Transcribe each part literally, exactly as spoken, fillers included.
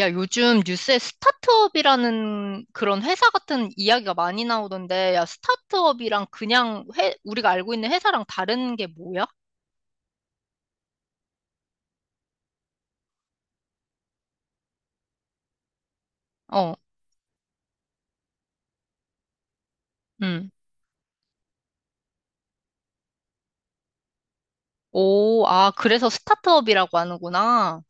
야, 요즘 뉴스에 스타트업이라는 그런 회사 같은 이야기가 많이 나오던데, 야, 스타트업이랑 그냥 회, 우리가 알고 있는 회사랑 다른 게 뭐야? 어, 음. 오, 아, 그래서 스타트업이라고 하는구나.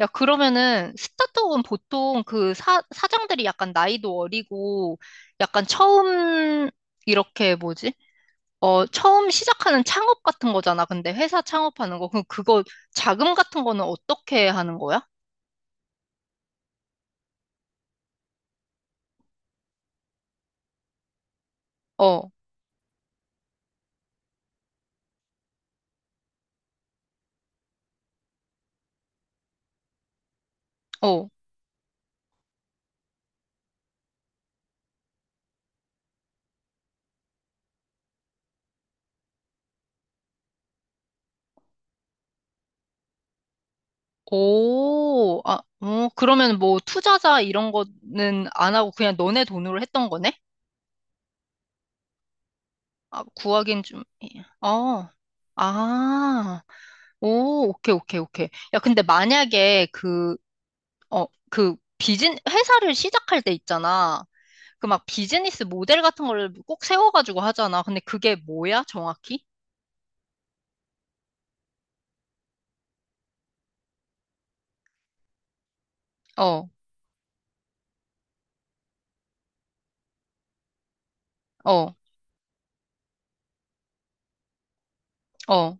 야, 그러면은 스타트업은 보통 그 사, 사장들이 약간 나이도 어리고, 약간 처음, 이렇게 뭐지? 어, 처음 시작하는 창업 같은 거잖아. 근데 회사 창업하는 거. 그럼 그거 자금 같은 거는 어떻게 하는 거야? 어, 어. 오, 아, 어, 그러면 뭐 투자자 이런 거는 안 하고 그냥 너네 돈으로 했던 거네? 아, 구하긴 좀, 예. 어, 아, 오, 오케이, 오케이, 오케이. 야, 근데 만약에 그, 어, 그 비즈니, 회사를 시작할 때 있잖아. 그 막 비즈니스 모델 같은 거를 꼭 세워가지고 하잖아. 근데 그게 뭐야, 정확히? 어, 어, 어,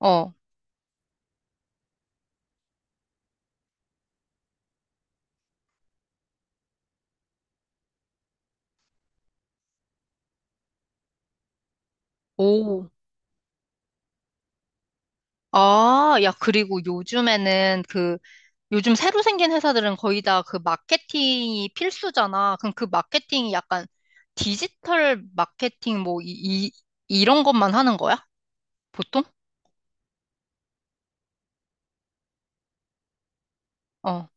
어, 오. 아, 야, 그리고 요즘에는 그 요즘 새로 생긴 회사들은 거의 다 그 마케팅이 필수잖아. 그럼 그 마케팅이 약간 디지털 마케팅 뭐 이, 이, 이런 것만 하는 거야? 보통? 어,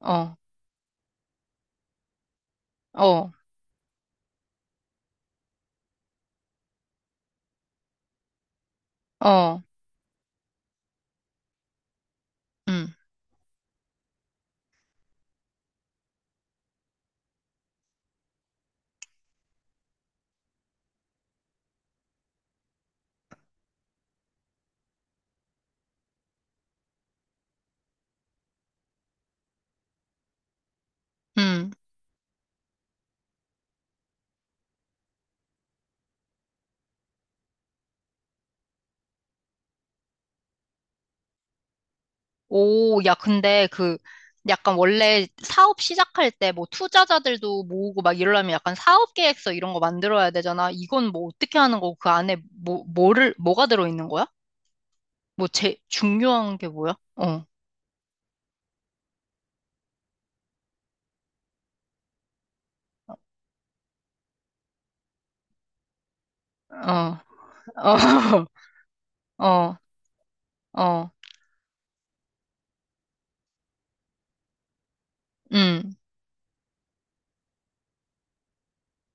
어, 어, 어, 음, 음. 오, 야, 근데 그 약간 원래 사업 시작할 때 뭐 투자자들도 모으고 막 이러려면 약간 사업 계획서 이런 거 만들어야 되잖아. 이건 뭐 어떻게 하는 거고 그 안에 뭐, 뭐를, 뭐가 들어있는 거야? 뭐 제, 중요한 게 뭐야? 어, 어, 어. 어, 어, 음,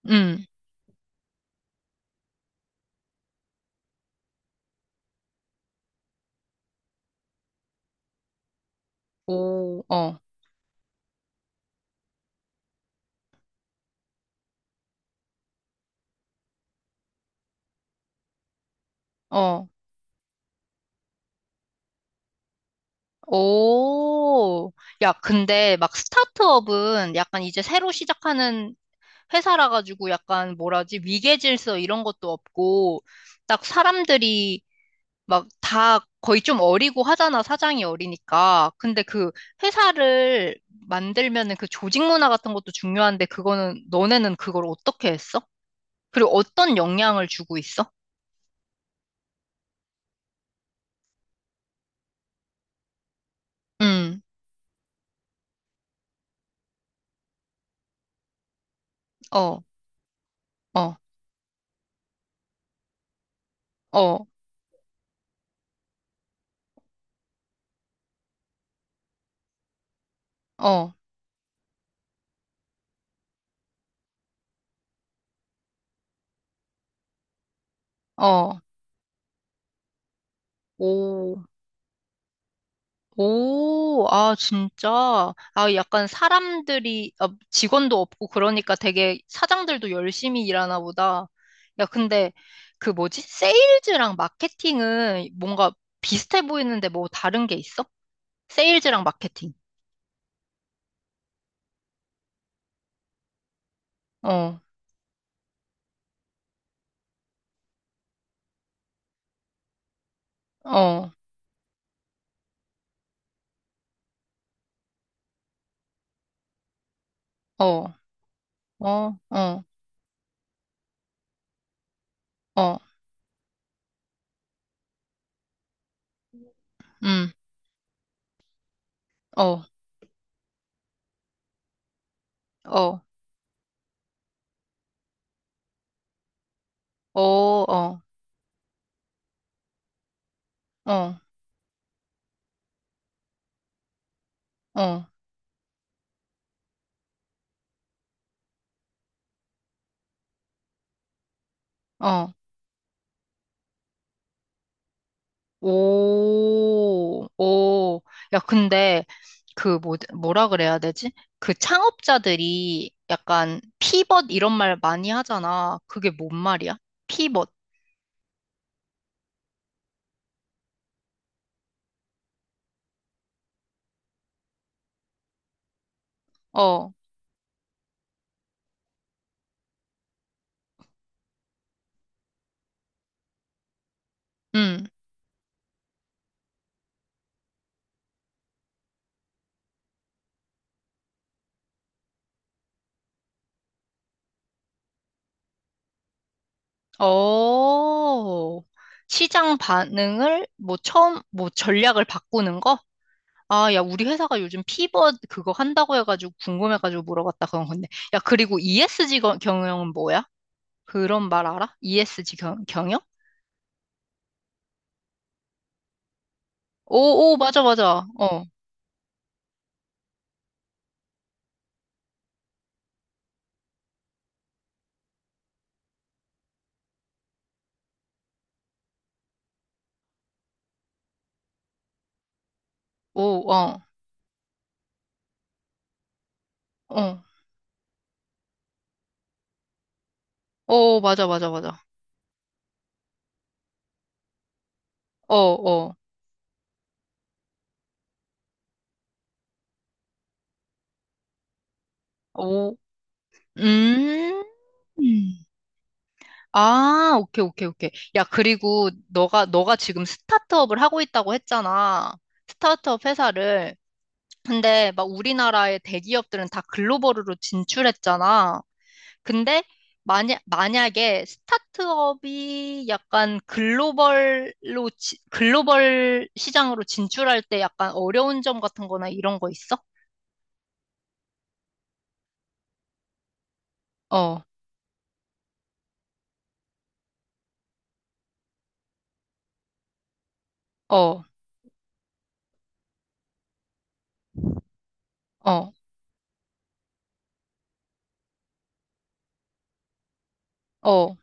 음, 오, 어, 어, 오. 야, 근데 막 스타트업은 약간 이제 새로 시작하는 회사라 가지고 약간 뭐라지, 위계 질서 이런 것도 없고, 딱 사람들이 막 다 거의 좀 어리고 하잖아, 사장이 어리니까. 근데 그 회사를 만들면은 그 조직 문화 같은 것도 중요한데, 그거는, 너네는 그걸 어떻게 했어? 그리고 어떤 영향을 주고 있어? 음, 어. 어. 어, 어, 어. 오, 오, 아, 진짜. 아, 약간 사람들이, 아, 직원도 없고 그러니까 되게 사장들도 열심히 일하나 보다. 야, 근데 그 뭐지? 세일즈랑 마케팅은 뭔가 비슷해 보이는데 뭐 다른 게 있어? 세일즈랑 마케팅. 어, 어, 어, 어, 어, 어, 음, 어, 어, 어, 어, 어, 어, 어. 오, 오. 야, 근데 그 뭐, 뭐라 그래야 되지? 그 창업자들이 약간 피벗 이런 말 많이 하잖아. 그게 뭔 말이야? 피벗. 어, 음. 어. 시장 반응을 뭐 처음 뭐 전략을 바꾸는 거? 아, 야, 우리 회사가 요즘 피벗 그거 한다고 해가지고 궁금해가지고 물어봤다 그런 건데. 야, 그리고 이에스지 거- 경영은 뭐야? 그런 말 알아? 이에스지 경, 경영? 오, 오, 맞아, 맞아. 어, 오, 어, 어, 오, 맞아, 맞아, 맞아. 어, 어, 오, 음. 아, 오케이, 오케이, 오케이. 야, 그리고 너가, 너가 지금 스타트업을 하고 있다고 했잖아. 스타트업 회사를. 근데 막 우리나라의 대기업들은 다 글로벌으로 진출했잖아. 근데 만약 만약에 스타트업이 약간 글로벌로 지- 글로벌 시장으로 진출할 때 약간 어려운 점 같은 거나 이런 거 있어? 어, 어, 어, 어,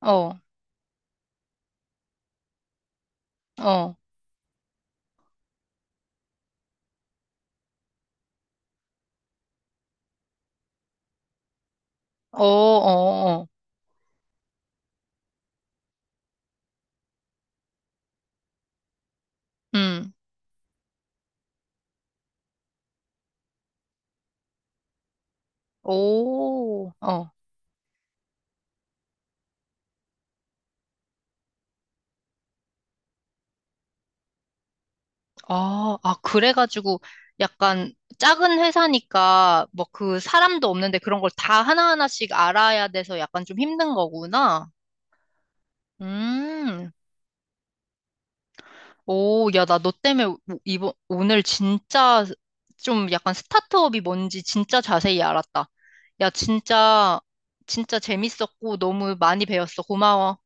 어, 어, 어, 어, 어, 음, 오, 어, 아, 아, 그래가지고 약간 작은 회사니까 뭐 그 사람도 없는데 그런 걸 다 하나하나씩 알아야 돼서 약간 좀 힘든 거구나. 음. 오, 야, 나 너 때문에 오- 이번, 오늘 진짜 좀 약간 스타트업이 뭔지 진짜 자세히 알았다. 야, 진짜, 진짜 재밌었고 너무 많이 배웠어. 고마워.